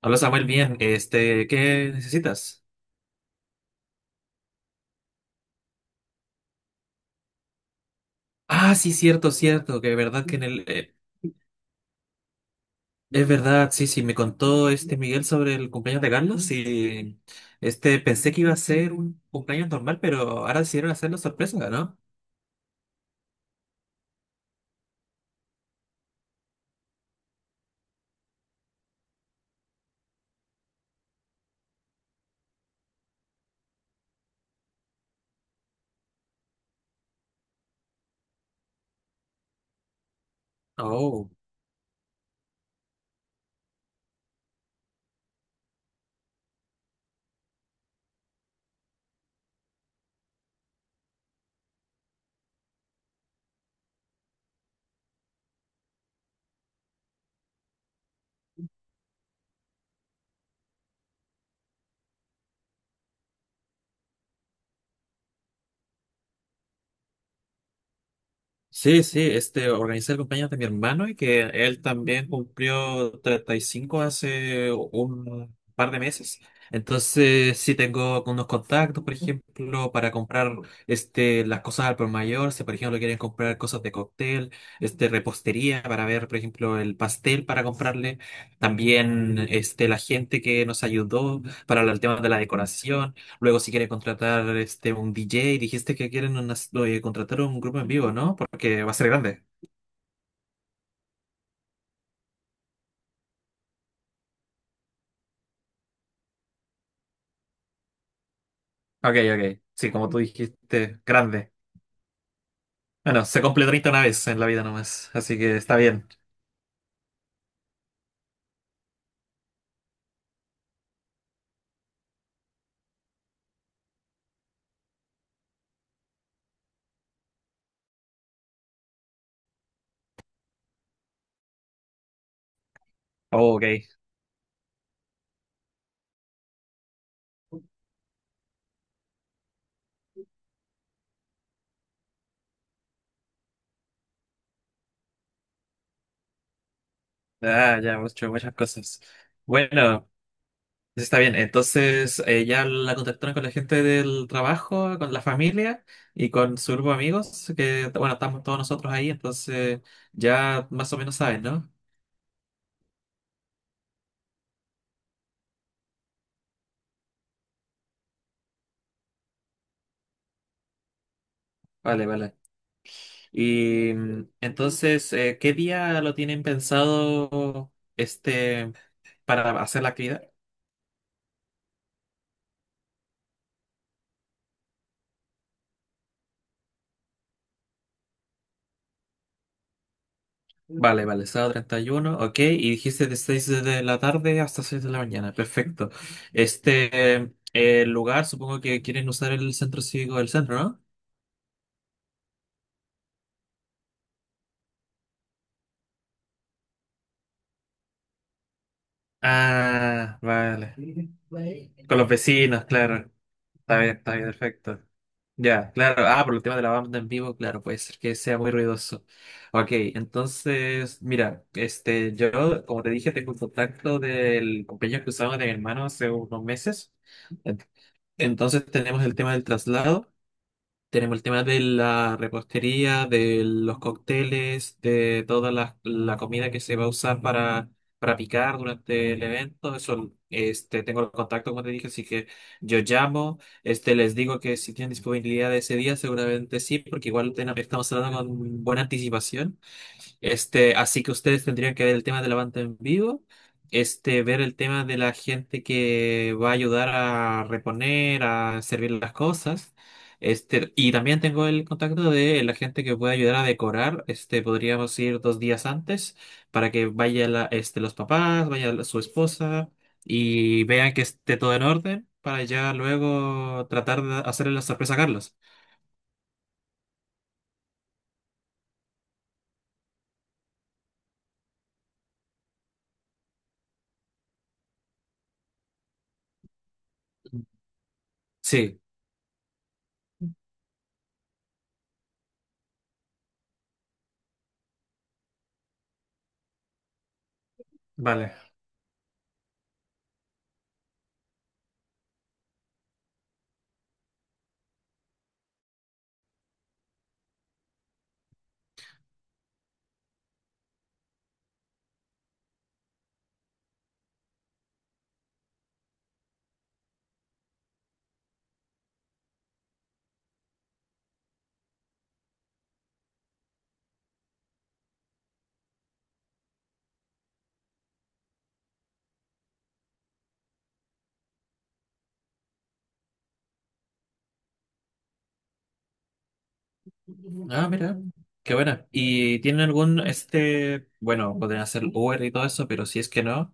Hola Samuel, bien, ¿qué necesitas? Ah, sí, cierto, cierto, que verdad que en el... es verdad, sí, sí, me contó Miguel sobre el cumpleaños de Carlos y pensé que iba a ser un cumpleaños normal, pero ahora decidieron hacerlo sorpresa, ¿no? Oh. Sí, sí, organizé el cumpleaños de mi hermano y que él también cumplió 35 hace un par de meses. Entonces, sí tengo unos contactos, por ejemplo, para comprar las cosas al por mayor, si por ejemplo quieren comprar cosas de cóctel, repostería para ver, por ejemplo, el pastel para comprarle. También la gente que nos ayudó para el tema de la decoración. Luego, si quiere contratar un DJ, dijiste que quieren oye, contratar un grupo en vivo, ¿no? Porque va a ser grande. Ok, ok. Sí, como tú dijiste, grande. Bueno, se cumple 30 una vez en la vida nomás, así que está bien. Oh, ok. Ah, ya, hemos hecho muchas cosas. Bueno, está bien. Entonces, ya la contactaron con la gente del trabajo, con la familia y con su grupo de amigos, que, bueno, estamos todos nosotros ahí, entonces ya más o menos saben, ¿no? Vale, vale. Y entonces, ¿qué día lo tienen pensado para hacer la actividad? Vale, vale, sábado 31, ok. Y dijiste de 6 de la tarde hasta 6 de la mañana, perfecto. El lugar, supongo que quieren usar el centro cívico del centro, ¿no? Ah, vale. Con los vecinos, claro. Está bien, perfecto. Ya, claro. Ah, por el tema de la banda en vivo, claro, puede ser que sea muy ruidoso. Ok, entonces, mira, yo, como te dije, tengo un contacto del compañero que usaba de mi hermano hace unos meses. Ent- Entonces tenemos el tema del traslado. Tenemos el tema de la repostería, de los cócteles, de toda la comida que se va a usar para, picar durante el evento. Eso, tengo el contacto, como te dije, así que yo llamo, les digo que si tienen disponibilidad ese día, seguramente sí, porque igual estamos hablando con buena anticipación. Así que ustedes tendrían que ver el tema de la banda en vivo, ver el tema de la gente que va a ayudar a reponer, a servir las cosas. Y también tengo el contacto de la gente que puede ayudar a decorar. Podríamos ir 2 días antes para que vaya los papás, vaya su esposa y vean que esté todo en orden para ya luego tratar de hacerle la sorpresa a Carlos. Sí, vale. Ah, mira, qué buena. ¿Y tienen algún, bueno, podrían hacer Uber y todo eso, pero si es que no,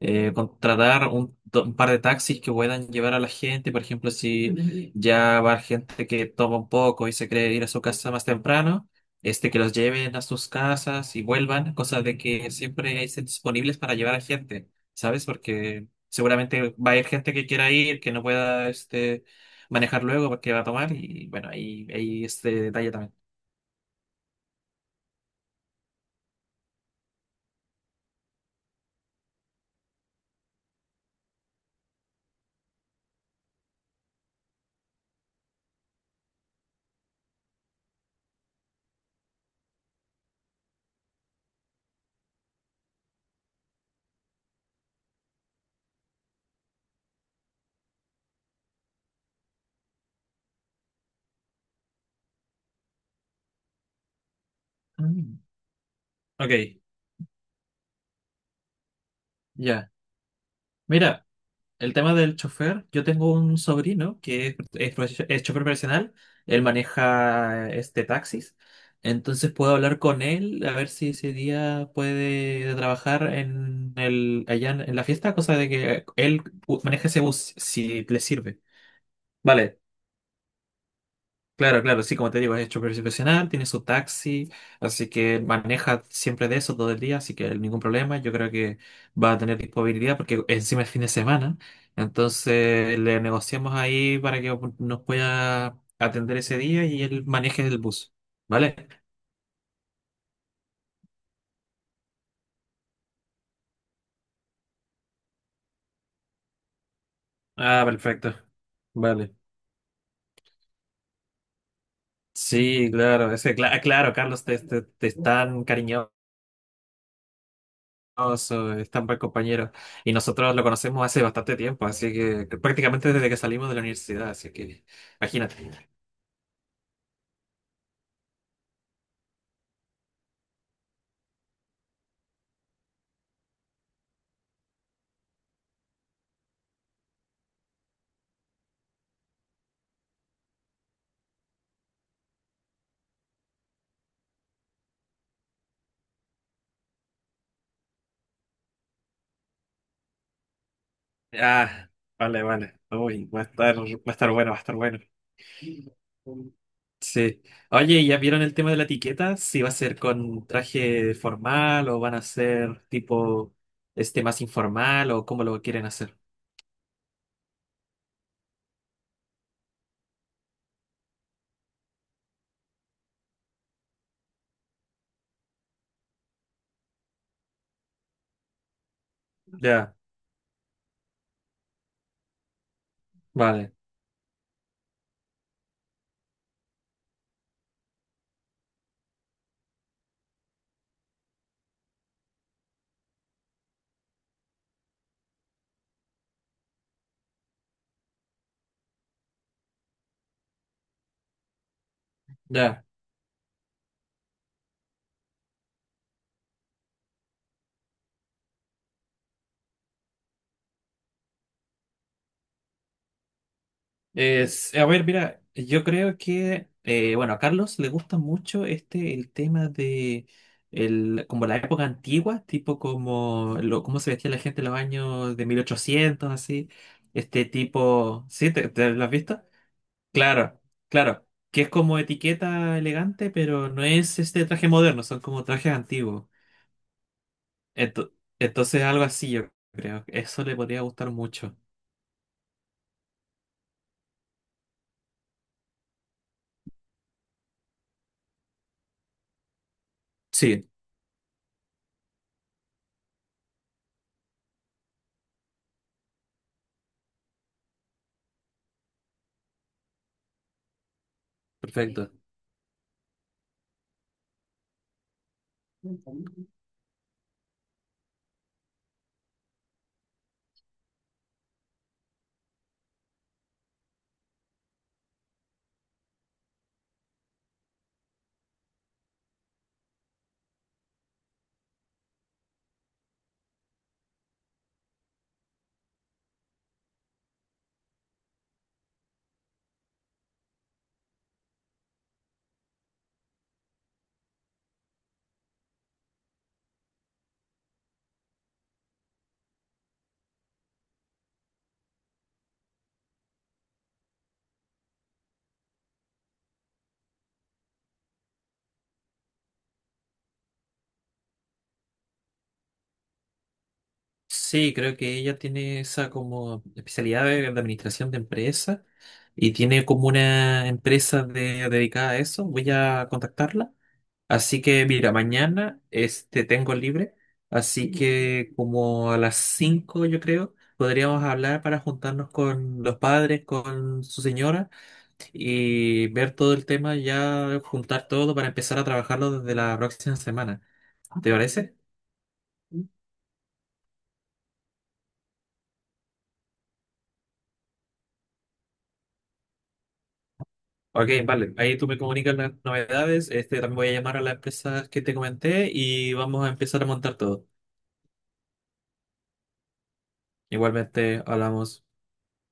contratar un par de taxis que puedan llevar a la gente, por ejemplo, si ya va gente que toma un poco y se cree ir a su casa más temprano, que los lleven a sus casas y vuelvan, cosa de que siempre estén disponibles para llevar a gente, ¿sabes? Porque seguramente va a haber gente que quiera ir, que no pueda, manejar luego porque va a tomar y bueno, ahí, ahí este detalle también. Mm. Ok, ya, mira, el tema del chofer, yo tengo un sobrino que es chofer profesional, él maneja taxis, entonces puedo hablar con él a ver si ese día puede trabajar allá en la fiesta, cosa de que él maneje ese bus si le sirve. Vale. Claro, claro, sí, como te digo, es chofer profesional, tiene su taxi, así que maneja siempre de eso todo el día, así que ningún problema. Yo creo que va a tener disponibilidad porque encima es fin de semana, entonces le negociamos ahí para que nos pueda atender ese día y él maneje el bus, ¿vale? Ah, perfecto. Vale. Sí, claro, claro, Carlos, te están cariñosos oso, es tan buen compañero. Y nosotros lo conocemos hace bastante tiempo, así que prácticamente desde que salimos de la universidad, así que imagínate. Ah, vale, vale. Uy, va a estar bueno, va a estar bueno. Sí. Oye, ¿ya vieron el tema de la etiqueta? Si va a ser con traje formal o van a ser tipo más informal o cómo lo quieren hacer. Ya, vale. Ya. A ver, mira, yo creo que, bueno, a Carlos le gusta mucho el tema de, como la época antigua, tipo como, cómo se vestía la gente en los años de 1800 así, este tipo, ¿sí? ¿Te lo has visto? Claro, claro, que es como etiqueta elegante, pero no es este traje moderno, son como trajes antiguos. Ento- entonces algo así, yo creo, eso le podría gustar mucho. Sí, perfecto. Sí, creo que ella tiene esa como especialidad de, administración de empresas y tiene como una empresa dedicada a eso. Voy a contactarla. Así que mira, mañana tengo libre, así que como a las 5 yo creo podríamos hablar para juntarnos con los padres, con su señora y ver todo el tema ya, juntar todo para empezar a trabajarlo desde la próxima semana. ¿Te parece? Ok, vale. Ahí tú me comunicas las novedades. También voy a llamar a las empresas que te comenté y vamos a empezar a montar todo. Igualmente, hablamos.